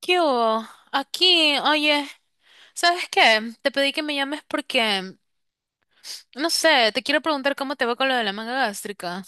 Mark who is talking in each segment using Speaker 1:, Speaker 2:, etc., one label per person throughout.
Speaker 1: ¿Qué hubo? Aquí, oye, ¿sabes qué? Te pedí que me llames porque, no sé, te quiero preguntar cómo te va con lo de la manga gástrica.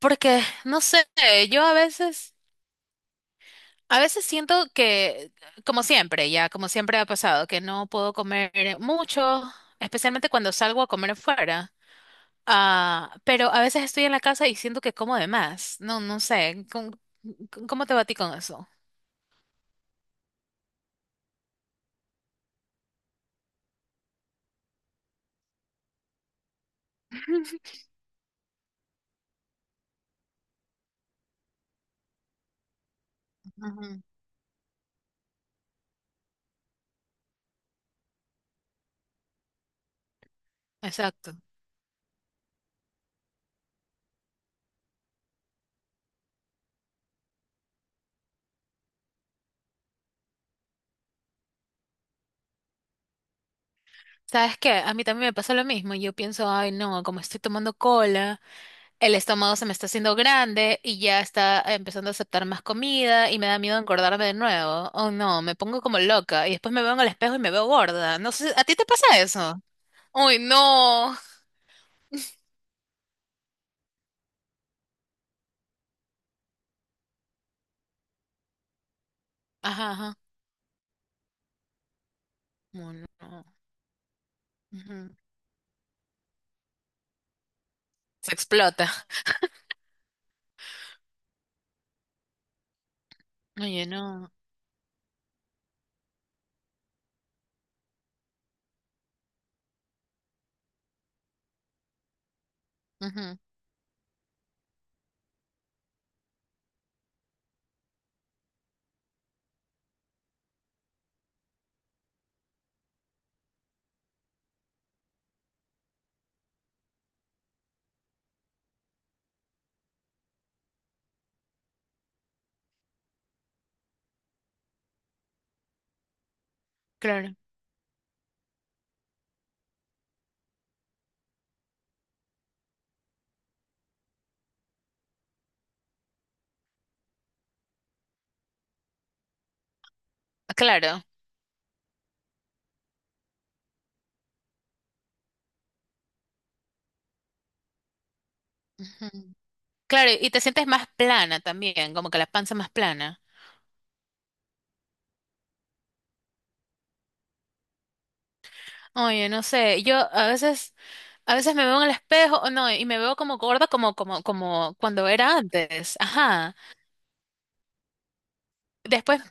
Speaker 1: Porque, no sé, yo a veces siento que, como siempre, ya, como siempre ha pasado, que no puedo comer mucho, especialmente cuando salgo a comer afuera. Ah, pero a veces estoy en la casa y siento que como de más. No, no sé, ¿cómo, cómo te va a ti con eso? Ujú. Exacto. ¿Sabes qué? A mí también me pasa lo mismo. Yo pienso, ay, no, como estoy tomando cola, el estómago se me está haciendo grande y ya está empezando a aceptar más comida y me da miedo engordarme de nuevo. Oh, no, me pongo como loca y después me veo en el espejo y me veo gorda. No sé, ¿a ti te pasa eso? Uy, no. Ajá, ajá. Oh, no. Ujú. Se explota. Oye, no. Ujú. Claro. Claro. Ujú. Claro, y te sientes más plana también, como que la panza más plana. Oye, no sé, yo a veces me veo en el espejo, o no, y me veo como gorda, como, como, como cuando era antes, ajá. Después,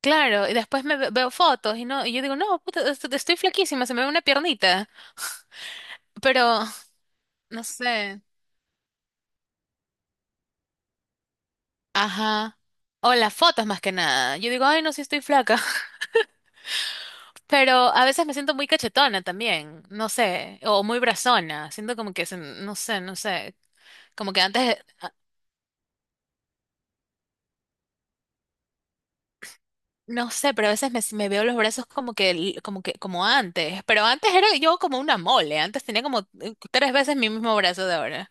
Speaker 1: claro, y después veo fotos y no, y yo digo, no, puta, estoy flaquísima, se me ve una piernita, pero no sé, ajá. O las fotos más que nada. Yo digo, ay, no, sí estoy flaca. Pero a veces me siento muy cachetona también, no sé, o muy brazona, siento como que, no sé, como que antes. No sé, pero a veces me, si me veo los brazos como que, como que, como antes. Pero antes era yo como una mole. Antes tenía como tres veces mi mismo brazo de ahora.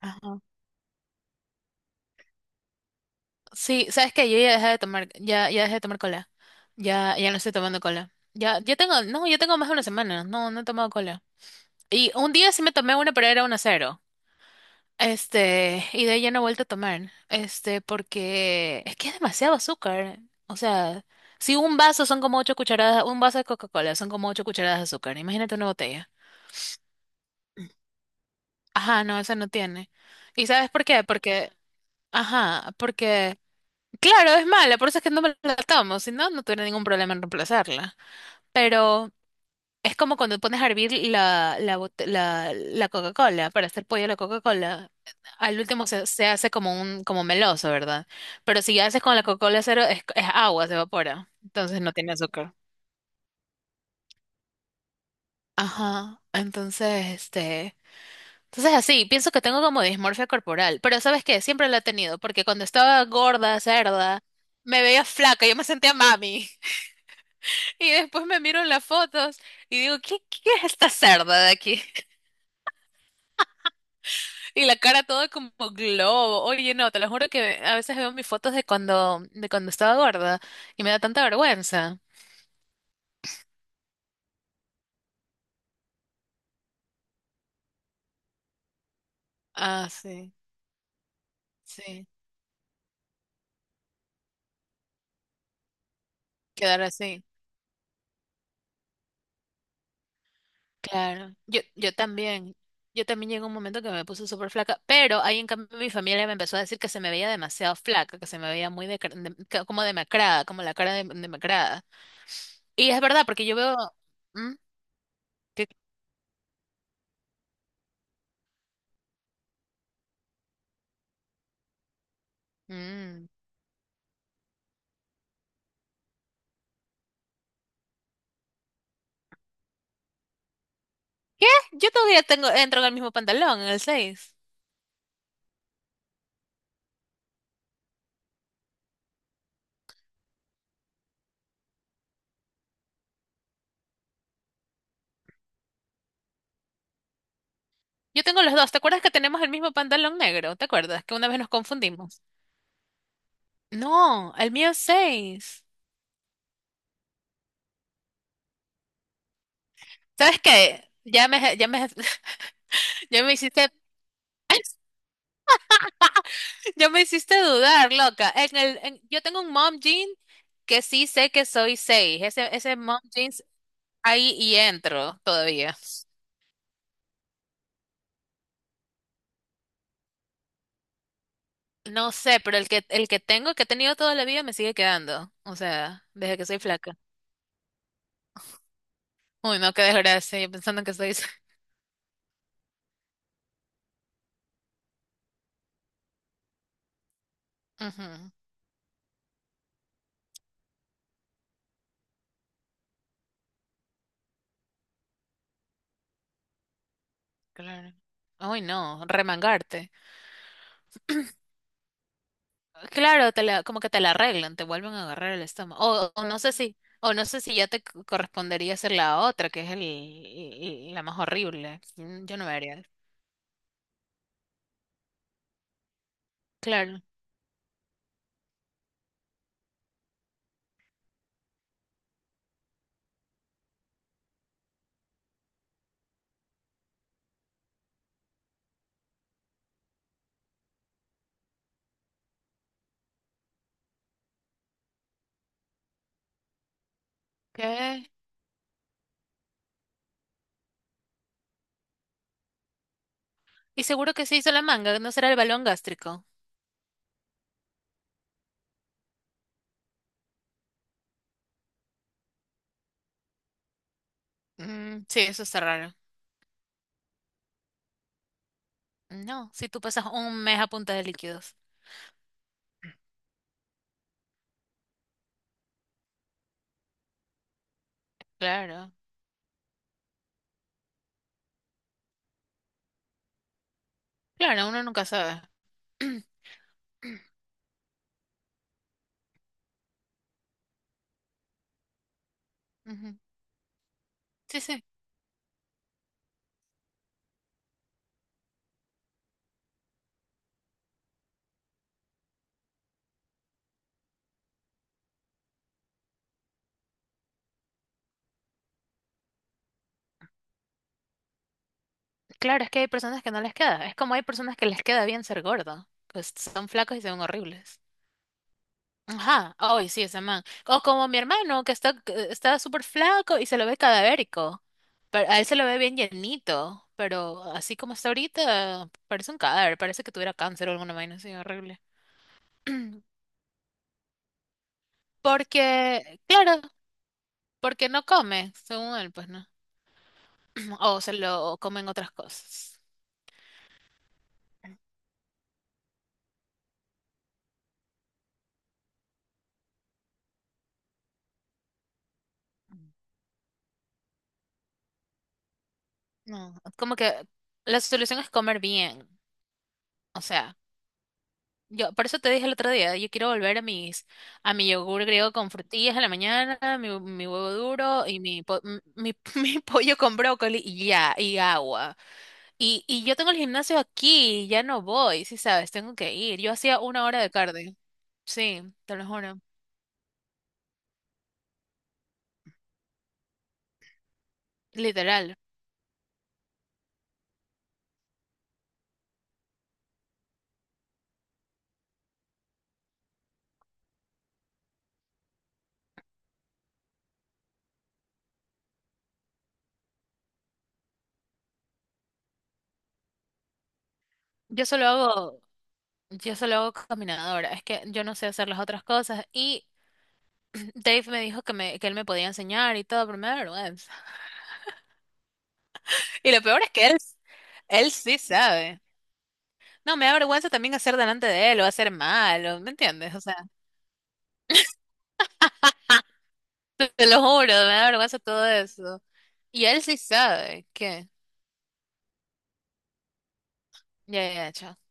Speaker 1: Ajá. Sí, sabes que yo ya dejé de tomar, ya, ya dejé de tomar cola. Ya, ya no estoy tomando cola. Ya, ya tengo, no, yo tengo más de una semana. No, no he tomado cola. Y un día sí me tomé una, pero era una cero. Y de ahí ya no he vuelto a tomar, porque es que es demasiado azúcar. O sea, si un vaso son como ocho cucharadas, un vaso de Coca-Cola son como ocho cucharadas de azúcar. Imagínate una botella. Ajá, no, esa no tiene. ¿Y sabes por qué? Porque, ajá, porque, claro, es mala, por eso es que no me la tomo, si no, no tuviera ningún problema en reemplazarla. Pero es como cuando pones a hervir la Coca-Cola para hacer pollo a la Coca-Cola. Al último se, se hace como un como meloso, ¿verdad? Pero si haces con la Coca-Cola cero, es agua, se evapora. Entonces no tiene azúcar. Ajá. Entonces, este. Entonces así, pienso que tengo como dismorfia corporal. Pero ¿sabes qué? Siempre la he tenido, porque cuando estaba gorda, cerda, me veía flaca, yo me sentía mami. Y después me miro en las fotos y digo, ¿qué, qué es esta cerda de aquí? Y la cara toda como globo. Oye, no, te lo juro que a veces veo mis fotos de cuando estaba gorda y me da tanta vergüenza. Ah, sí, sí, quedar así. Claro. Yo también. Yo también llegué a un momento que me puse súper flaca, pero ahí en cambio mi familia me empezó a decir que se me veía demasiado flaca, que se me veía muy de, como demacrada, como la cara de, demacrada. Y es verdad, porque yo veo... ¿Mm? ¿Qué? Mm. ¿Qué? Yo todavía tengo, entro en el mismo pantalón, en el seis. Yo tengo los dos. ¿Te acuerdas que tenemos el mismo pantalón negro? ¿Te acuerdas que una vez nos confundimos? No, el mío es seis. ¿Sabes qué? Ya me hiciste, ya me hiciste dudar, loca. Yo tengo un mom jean que sí sé que soy seis. Ese mom jeans ahí y entro todavía. No sé, pero el que tengo, que he tenido toda la vida, me sigue quedando. O sea, desde que soy flaca. Uy, no, qué desgracia, yo pensando que soy. Ujú, claro. Uy, no, remangarte. Claro, como que te la arreglan, te vuelven a agarrar el estómago. O no sé si, o no sé si ya te correspondería hacer la otra, que es la más horrible. Mm, yo no me haría. Claro. ¿Qué? Y seguro que se hizo la manga, ¿no será el balón gástrico? Mm, sí, eso está raro. No, si tú pasas un mes a punta de líquidos. Claro. Claro, uno nunca sabe. Ujú. Sí, sí. Claro, es que hay personas que no les queda. Es como hay personas que les queda bien ser gordo, que son flacos y se ven horribles. Ajá, ay, sí, ese man. O como mi hermano, que está súper flaco y se lo ve cadavérico. Pero a él se lo ve bien llenito, pero así como está ahorita, parece un cadáver, parece que tuviera cáncer o alguna vaina así horrible. Porque, claro, porque no come, según él, pues no. O se lo comen otras cosas. No, como que la solución es comer bien, o sea. Yo, por eso te dije el otro día, yo quiero volver a mis, a mi yogur griego con frutillas en la mañana, mi huevo duro y mi, mi pollo con brócoli y ya, y agua. Y yo tengo el gimnasio aquí, y ya no voy, sí sabes, tengo que ir. Yo hacía 1 hora de cardio, sí, te lo juro, literal. Yo solo hago, yo solo hago caminadora, es que yo no sé hacer las otras cosas y Dave me dijo que me, que él me podía enseñar y todo, pero me da vergüenza. Y lo peor es que él sí sabe. No, me da vergüenza también hacer delante de él o hacer malo, ¿me entiendes? O sea, te lo juro, me da vergüenza todo eso. Y él sí sabe que. Ya, ya, ya, chao.